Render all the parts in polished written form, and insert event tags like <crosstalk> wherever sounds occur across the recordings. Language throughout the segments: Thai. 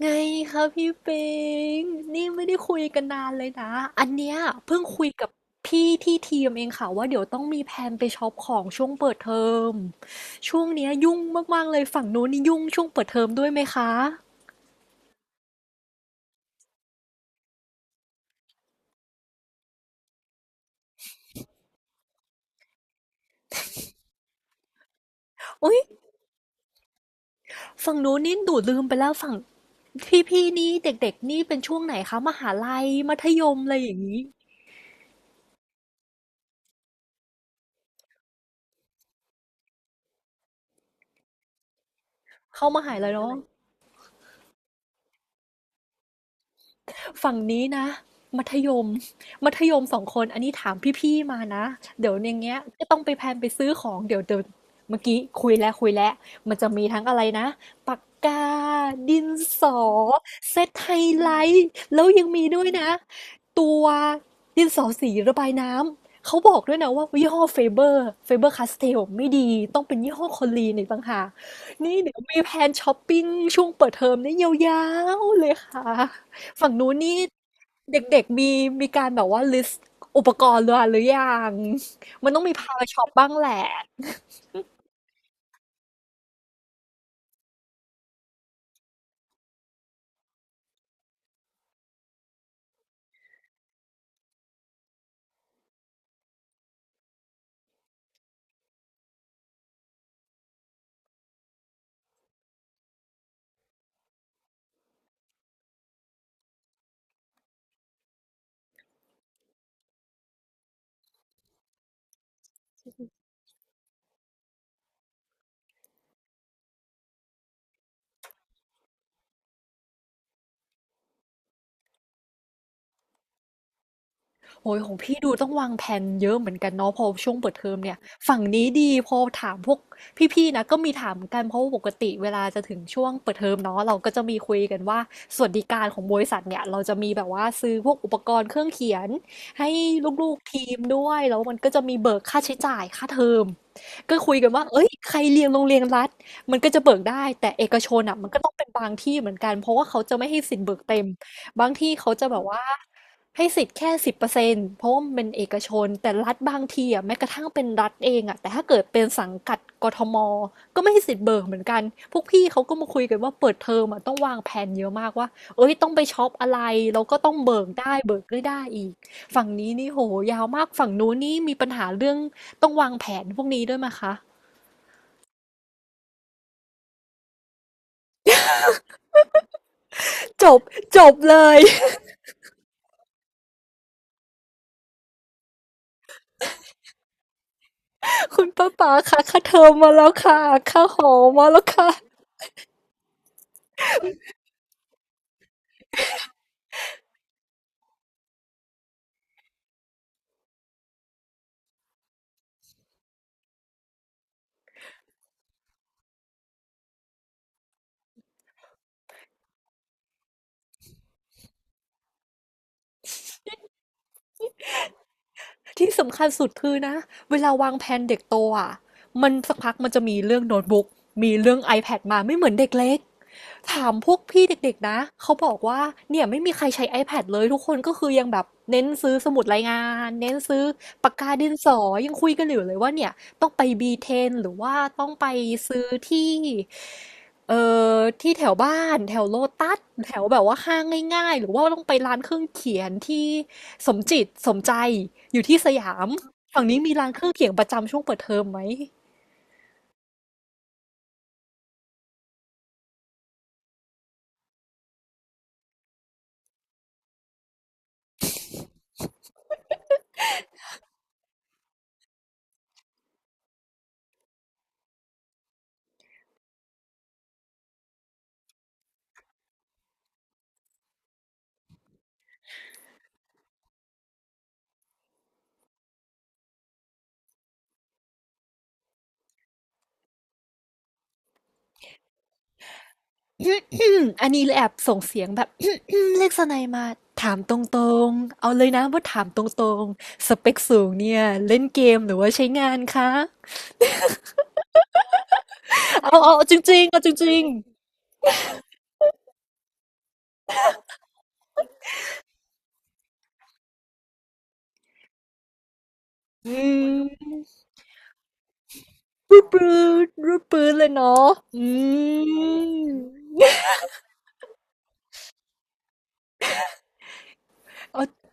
ไงคะพี่ปิงนี่ไม่ได้คุยกันนานเลยนะอันเนี้ยเพิ่งคุยกับพี่ที่ทีมเองค่ะว่าเดี๋ยวต้องมีแผนไปช็อปของช่วงเปิดเทอมช่วงเนี้ยยุ่งมากๆเลยฝั่งนู้นนี่ยุ่งช่วงเปิดเทอมด้วยไหมคะอุ๊ยฝั่งนู้นนี่ดูลืมไปแล้วฝั่งพี่ๆนี่เด็กๆนี่เป็นช่วงไหนคะมหาลัยมัธยมอะไรอย่างนี้เข้ามหาลัยเนาะ ฝั่งนี้นะมัธยมมัธยมสองคนอันนี้ถามพี่ๆมานะเดี๋ยวอย่างเงี้ยก็ต้องไปแพลนไปซื้อของเดี๋ยวเดี๋ยวเมื่อกี้คุยแล้วคุยแล้วมันจะมีทั้งอะไรนะปากกาดินสอเซตไฮไลท์แล้วยังมีด้วยนะตัวดินสอสีระบายน้ำเขาบอกด้วยนะว่ายี่ห้อเฟเบอร์เฟเบอร์คาสเทลไม่ดีต้องเป็นยี่ห้อคอลีนอีกต่างหากนี่เดี๋ยวมีแพลนช้อปปิ้งช่วงเปิดเทอมนี่ยาวๆเลยค่ะ ฝั่งนู้นนี่เด็กๆมีมีการแบบว่า list อุปกรณ์เรือหรือยังมันต้องมีพาราช็อปบ้างแหละ โอ้ยของพี่ดูต้องวางแผนเยอะเหมือนกันเนาะพอช่วงเปิดเทอมเนี่ยฝั่งนี้ดีพอถามพวกพี่ๆนะก็มีถามกันเพราะว่าปกติเวลาจะถึงช่วงเปิดเทอมเนาะเราก็จะมีคุยกันว่าสวัสดิการของบริษัทเนี่ยเราจะมีแบบว่าซื้อพวกอุปกรณ์เครื่องเขียนให้ลูกๆทีมด้วยแล้วมันก็จะมีเบิกค่าใช้จ่ายค่าเทอมก็คุยกันว่าเอ้ยใครเรียนโรงเรียนรัฐมันก็จะเบิกได้ แต่เอกชนอ่ะมันก็ต้องเป็นบางที่เหมือนกันเพราะว่าเขาจะไม่ให้สิทธิ์เบิกเต็ม บางที่เขาจะแบบว่าให้สิทธิ์แค่10%เพราะว่ามันเป็นเอกชนแต่รัฐบางทีอ่ะแม้กระทั่งเป็นรัฐเองอ่ะแต่ถ้าเกิดเป็นสังกัดกทมก็ไม่ให้สิทธิ์เบิกเหมือนกันพวกพี่เขาก็มาคุยกันว่าเปิดเทอมอ่ะต้องวางแผนเยอะมากว่าเอ้ยต้องไปช็อปอะไรแล้วก็ต้องเบิกได้เบิกไม่ได้อีกฝั่งนี้นี่โหยาวมากฝั่งนู้นนี่มีปัญหาเรื่องต้องวางแผนพวกนี้ด้วยไหมคะจบจบเลย <laughs> คุณป้าป๋าค่ะค่าเทอมมาแล้วค่ะค่าหอมาแล้วค่ะ ที่สำคัญสุดคือนะเวลาวางแผนเด็กโตอ่ะมันสักพักมันจะมีเรื่องโน้ตบุ๊กมีเรื่อง iPad มาไม่เหมือนเด็กเล็ก ถามพวกพี่เด็กๆนะ เขาบอกว่าเนี่ยไม่มีใครใช้ iPad เลยทุกคนก็คือยังแบบเน้นซื้อสมุดรายงานเน้นซื้อปากกาดินสอยังคุยกันอยู่เลยว่าเนี่ยต้องไป B10 หรือว่าต้องไปซื้อที่เอ่ที่แถวบ้านแถวโลตัสแถวแบบว่าห้างง่ายๆหรือว่าต้องไปร้านเครื่องเขียนที่สมจิตสมใจอยู่ที่สยามฝั่งนี้มีร้านเครื่องเขียนประจำช่วงเปิดเทอมไหม <coughs> อันนี้เลยแอบส่งเสียงแบบ <coughs> เรียกสไนัยมาถามตรงๆ เอาเลยนะว่าถามตรงๆ สเปคสูงเนี่ยเล่นเกมหรือว่าใช้งานคะเอาเอาเอาจริงๆเอาจริงๆอืมรูดปืนรูดปืนเลยเนาะอืมเอา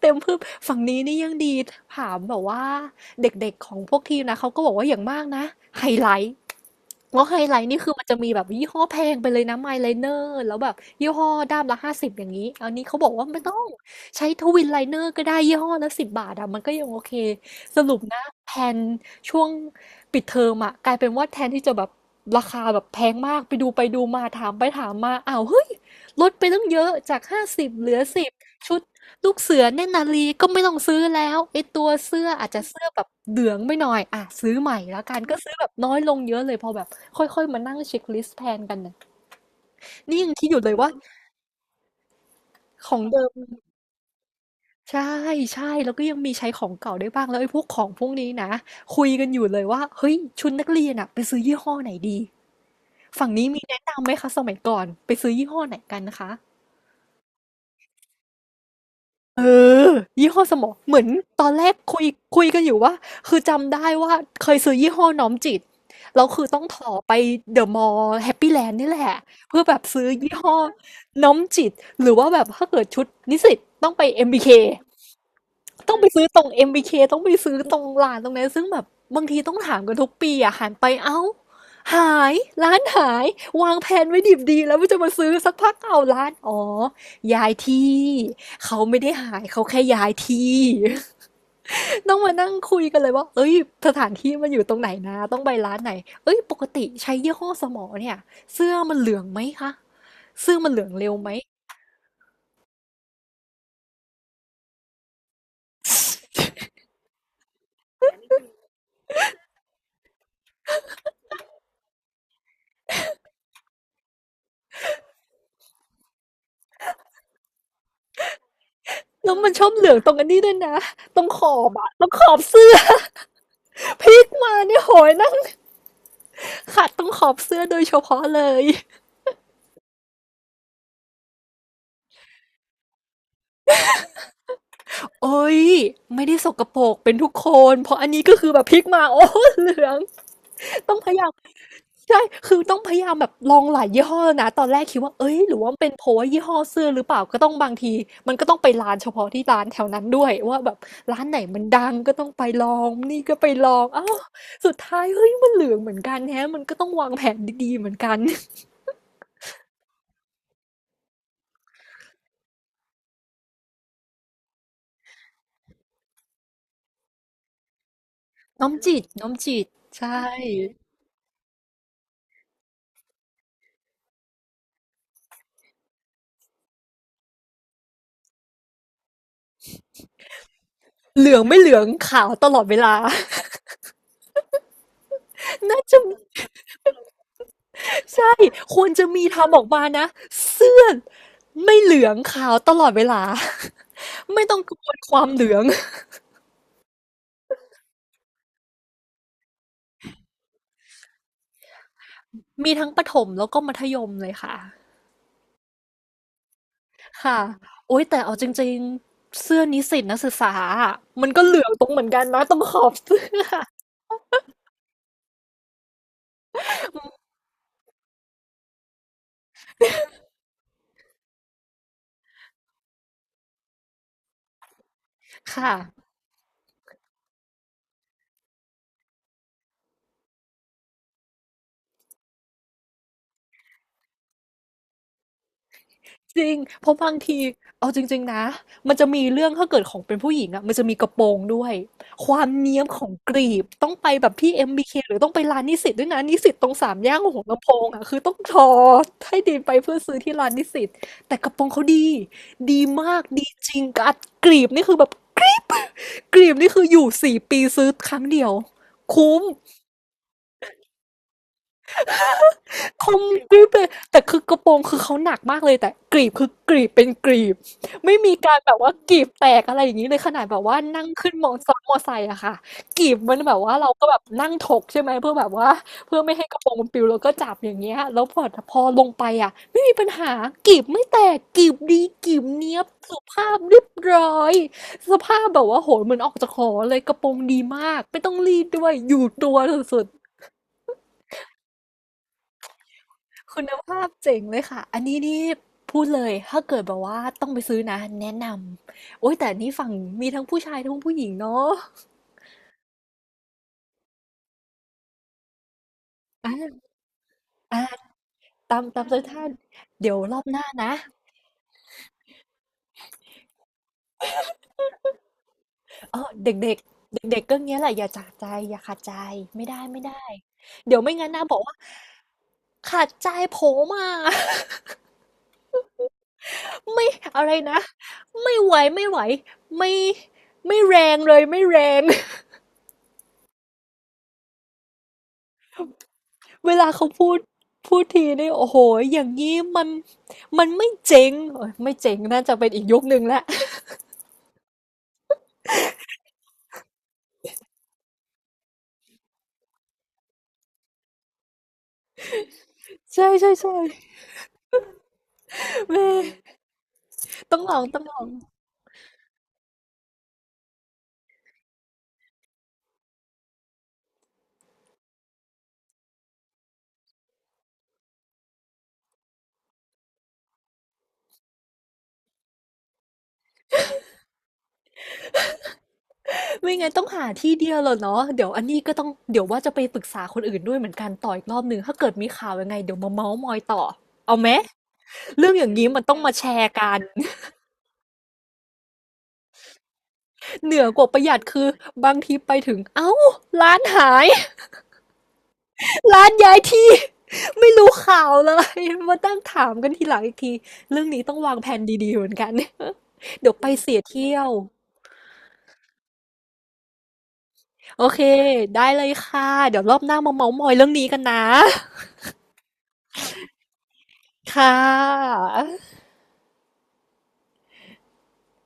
เต็มเพื่มฝั่งนี้นี่ยังดีถามแบบว่าเด็กๆของพวกทีมนะเขาก็บอกว่าอย่างมากนะไฮไลท์ แลไฮไลท์นี่คือมันจะมีแบบยี่ห้อแพงไปเลยนะไมล์ไลเนอร์แล้วแบบยี่ห้อด้ามละห้าสิบอย่างนี้อันนี้เขาบอกว่าไม่ต้องใช้ทวินไลเนอร์ก็ได้ยี่ห้อละ10 บาทอะมันก็ยังโอเคสรุปนะแพนช่วงปิดเทอมอะกลายเป็นว่าแทนที่จะแบบราคาแบบแพงมากไปดูไปดูมาถามไปถามมาอ้าวเฮ้ยลดไปตั้งเยอะจาก50 เหลือ 10ชุดลูกเสือเนตรนารีก็ไม่ต้องซื้อแล้วไอตัวเสื้ออาจจะเสื้อแบบเหลืองไปหน่อยอ่ะซื้อใหม่แล้วกันก็ซื้อแบบน้อยลงเยอะเลยพอแบบ ค่อยๆ มานั่งเช็คลิสต์แทนกันน่ะนี่ยังคิดอยู่เลยว่าของเดิมใช่ใช่แล้วก็ยังมีใช้ของเก่าได้บ้างแล้วไอ้พวกของพวกนี้นะคุยกันอยู่เลยว่าเฮ้ยชุดนักเรียนอะไปซื้อยี่ห้อไหนดีฝั่งนี้มีแนะนำไหมคะสมัยก่อนไปซื้อยี่ห้อไหนกันนะคะ เออยี่ห้อสมอเหมือนตอนแรกคุยกันอยู่ว่าคือจำได้ว่าเคยซื้อยี่ห้อน้อมจิตแล้วคือต้องถ่อไปเดอะมอลล์แฮปปี้แลนด์นี่แหละเพื่อแบบซื้อยี่ห้อน้อมจิตหรือว่าแบบถ้าเกิดชุดนิสิตต้องไป MBK ต้องไปซื้อตรง MBK ต้องไปซื้อตรงร้านตรงนั้นซึ่งแบบบางทีต้องถามกันทุกปีอ่ะหันไปเอ้าหายร้านหายวางแผนไว้ดิบดีแล้วว่าจะมาซื้อสักพักเอาร้านอ๋อย้ายที่เขาไม่ได้หายเขาแค่ย้ายที่ <laughs> ต้องมานั่งคุยกันเลยว่าเอ้ยสถานที่มันอยู่ตรงไหนนะต้องไปร้านไหนเอ้ยปกติใช้ยี่ห้อสมอเนี่ยเสื้อมันเหลืองไหมคะเสื้อมันเหลืองเร็วไหมแล้วมันชอบเหลืองตรงอันนี้ด้วยนะตรงขอบอะตรงขอบเสื้อ พลิกมาเนี่ยโหยนั่งขัดตรงขอบเสื้อโดยเฉพาะเลยโอ้ยไม่ได้สกปรกเป็นทุกคนเพราะอันนี้ก็คือแบบพลิกมาโอ้เหลืองต้องพยายามใช่คือต้องพยายามแบบลองหลายยี่ห้อนะตอนแรกคิดว่าเอ้ยหรือว่าเป็นเพราะว่ายี่ห้อเสื้อหรือเปล่าก็ต้องบางทีมันก็ต้องไปร้านเฉพาะที่ร้านแถวนั้นด้วยว่าแบบร้านไหนมันดังก็ต้องไปลองนี่ก็ไปลองอ้าวสุดท้ายเฮ้ยมันเหลืองเหมือนกันแฮะมันก็ต้องวางแผนดีๆเหมือนกัน <laughs> น้อมจิตน้อมจิตใช่ เหลืองไม่เหลืองขาวตลอดเวลา <laughs> น่าจะใช่ควรจะมีทำออกมานะเสื้อไม่เหลืองขาวตลอดเวลา <laughs> ไม่ต้องกังวลความเหลืองมีทั้งประถมแล้วก็มัธยมเลยค่ะค่ะโอ๊ยแต่เอาจริงๆเสื้อนิสิตนักศึกษาอะมันก็เหลืองตรงเหมือนกันนะตรงขอบเสื้อ <laughs> ค่ะ จริง เพราะบางทีเอาจริงๆนะมันจะมีเรื่องถ้าเกิดของเป็นผู้หญิงอะมันจะมีกระโปรงด้วยความเนี้ยมของกรีบต้องไปแบบพี่ MBK หรือต้องไปร้านนิสิตด้วยนะนิสิตตรงสามแย่หัวลำโพงอะคือต้องทอให้ดีไปเพื่อซื้อที่ร้านนิสิตแต่กระโปรงเขาดีดีมากดีจริงกัดกรีบนี่คือแบบกรีบกรีบนี่คืออยู่สี่ปีซื้อครั้งเดียวคุ้ม คมกริบเลยแต่คือกระโปรงคือเขาหนักมากเลยแต่กรีบคือกรีบเป็นกรีบไม่มีการแบบว่ากรีบแตกอะไรอย่างนี้เลยขนาดแบบว่านั่งขึ้นมอซ้อนมอไซค์อะค่ะกรีบมันแบบว่าเราก็แบบนั่งถกใช่ไหมเพื่อแบบว่าเพื่อไม่ให้กระโปรงมันปลิวเราก็จับอย่างเงี้ยแล้วพอพอลงไปอะไม่มีปัญหากรีบไม่แตกกรีบดีกรีบเนี้ยบสุภาพเรียบร้อยสภาพแบบว่าโหยเหมือนออกจากหอเลยกระโปรงดีมากไม่ต้องรีดด้วยอยู่ตัวสุด คุณภาพเจ๋งเลยค่ะ อันนี้นี่พูดเลย ถ้าเกิดแบบว่าต้องไปซื้อนะแนะนำ โอ้ยแต่นี่ฝั่งมีทั้งผู้ชายทั้งผู้หญิงเนาะอ่าอ่าตามตามใจท่านเดี๋ยวรอบหน้านะเออเด็กเด็กเด็กเด็กๆก็เงี้ยแหละอย่าจากใจอย่าขาดใจไม่ได้ไม่ได้เดี๋ยวไม่งั้นนะบอกว่าขาดใจผมอ่ะ <laughs> ไม่อะไรนะไม่ไหวไม่ไหวไม่ไม่แรงเลยไม่แรง เวลาเขาพูดพูดทีนี่โอ้โหอย่างงี้มันมันไม่เจ๋งเอยไม่เจ๋งน่าจะเป็นอีกยุคหนึ่งแล้ว <laughs> ใช่ใช่ใช่แม่ต้องลองต้องลองไม่งั้นต้องหาที่เดียวแหละเนาะเดี๋ยวอันนี้ก็ต้องเดี๋ยวว่าจะไปปรึกษาคนอื่นด้วยเหมือนกันต่ออีกรอบหนึ่งถ้าเกิดมีข่าวยังไงเดี๋ยวมาเมาส์มอยต่อเอาไหมเรื่องอย่างนี้มันต้องมาแชร์กันเหนือกว่าประหยัดคือบางทีไปถึงเอ้าร้านหาย ร้านย้ายที่ <laughs> ไม่รู้ข่าวเลย <laughs> มาตั้งถามกันทีหลังอีกทีเรื่องนี้ต้องวางแผนดีๆเหมือนกัน <laughs> เดี๋ยวไปเสียเที่ยวโอเคได้เลยค่ะเดี๋ยวรอบหน้ามาเม้าท์มอยเรื่องนี้กันนะ <laughs> ค่ะ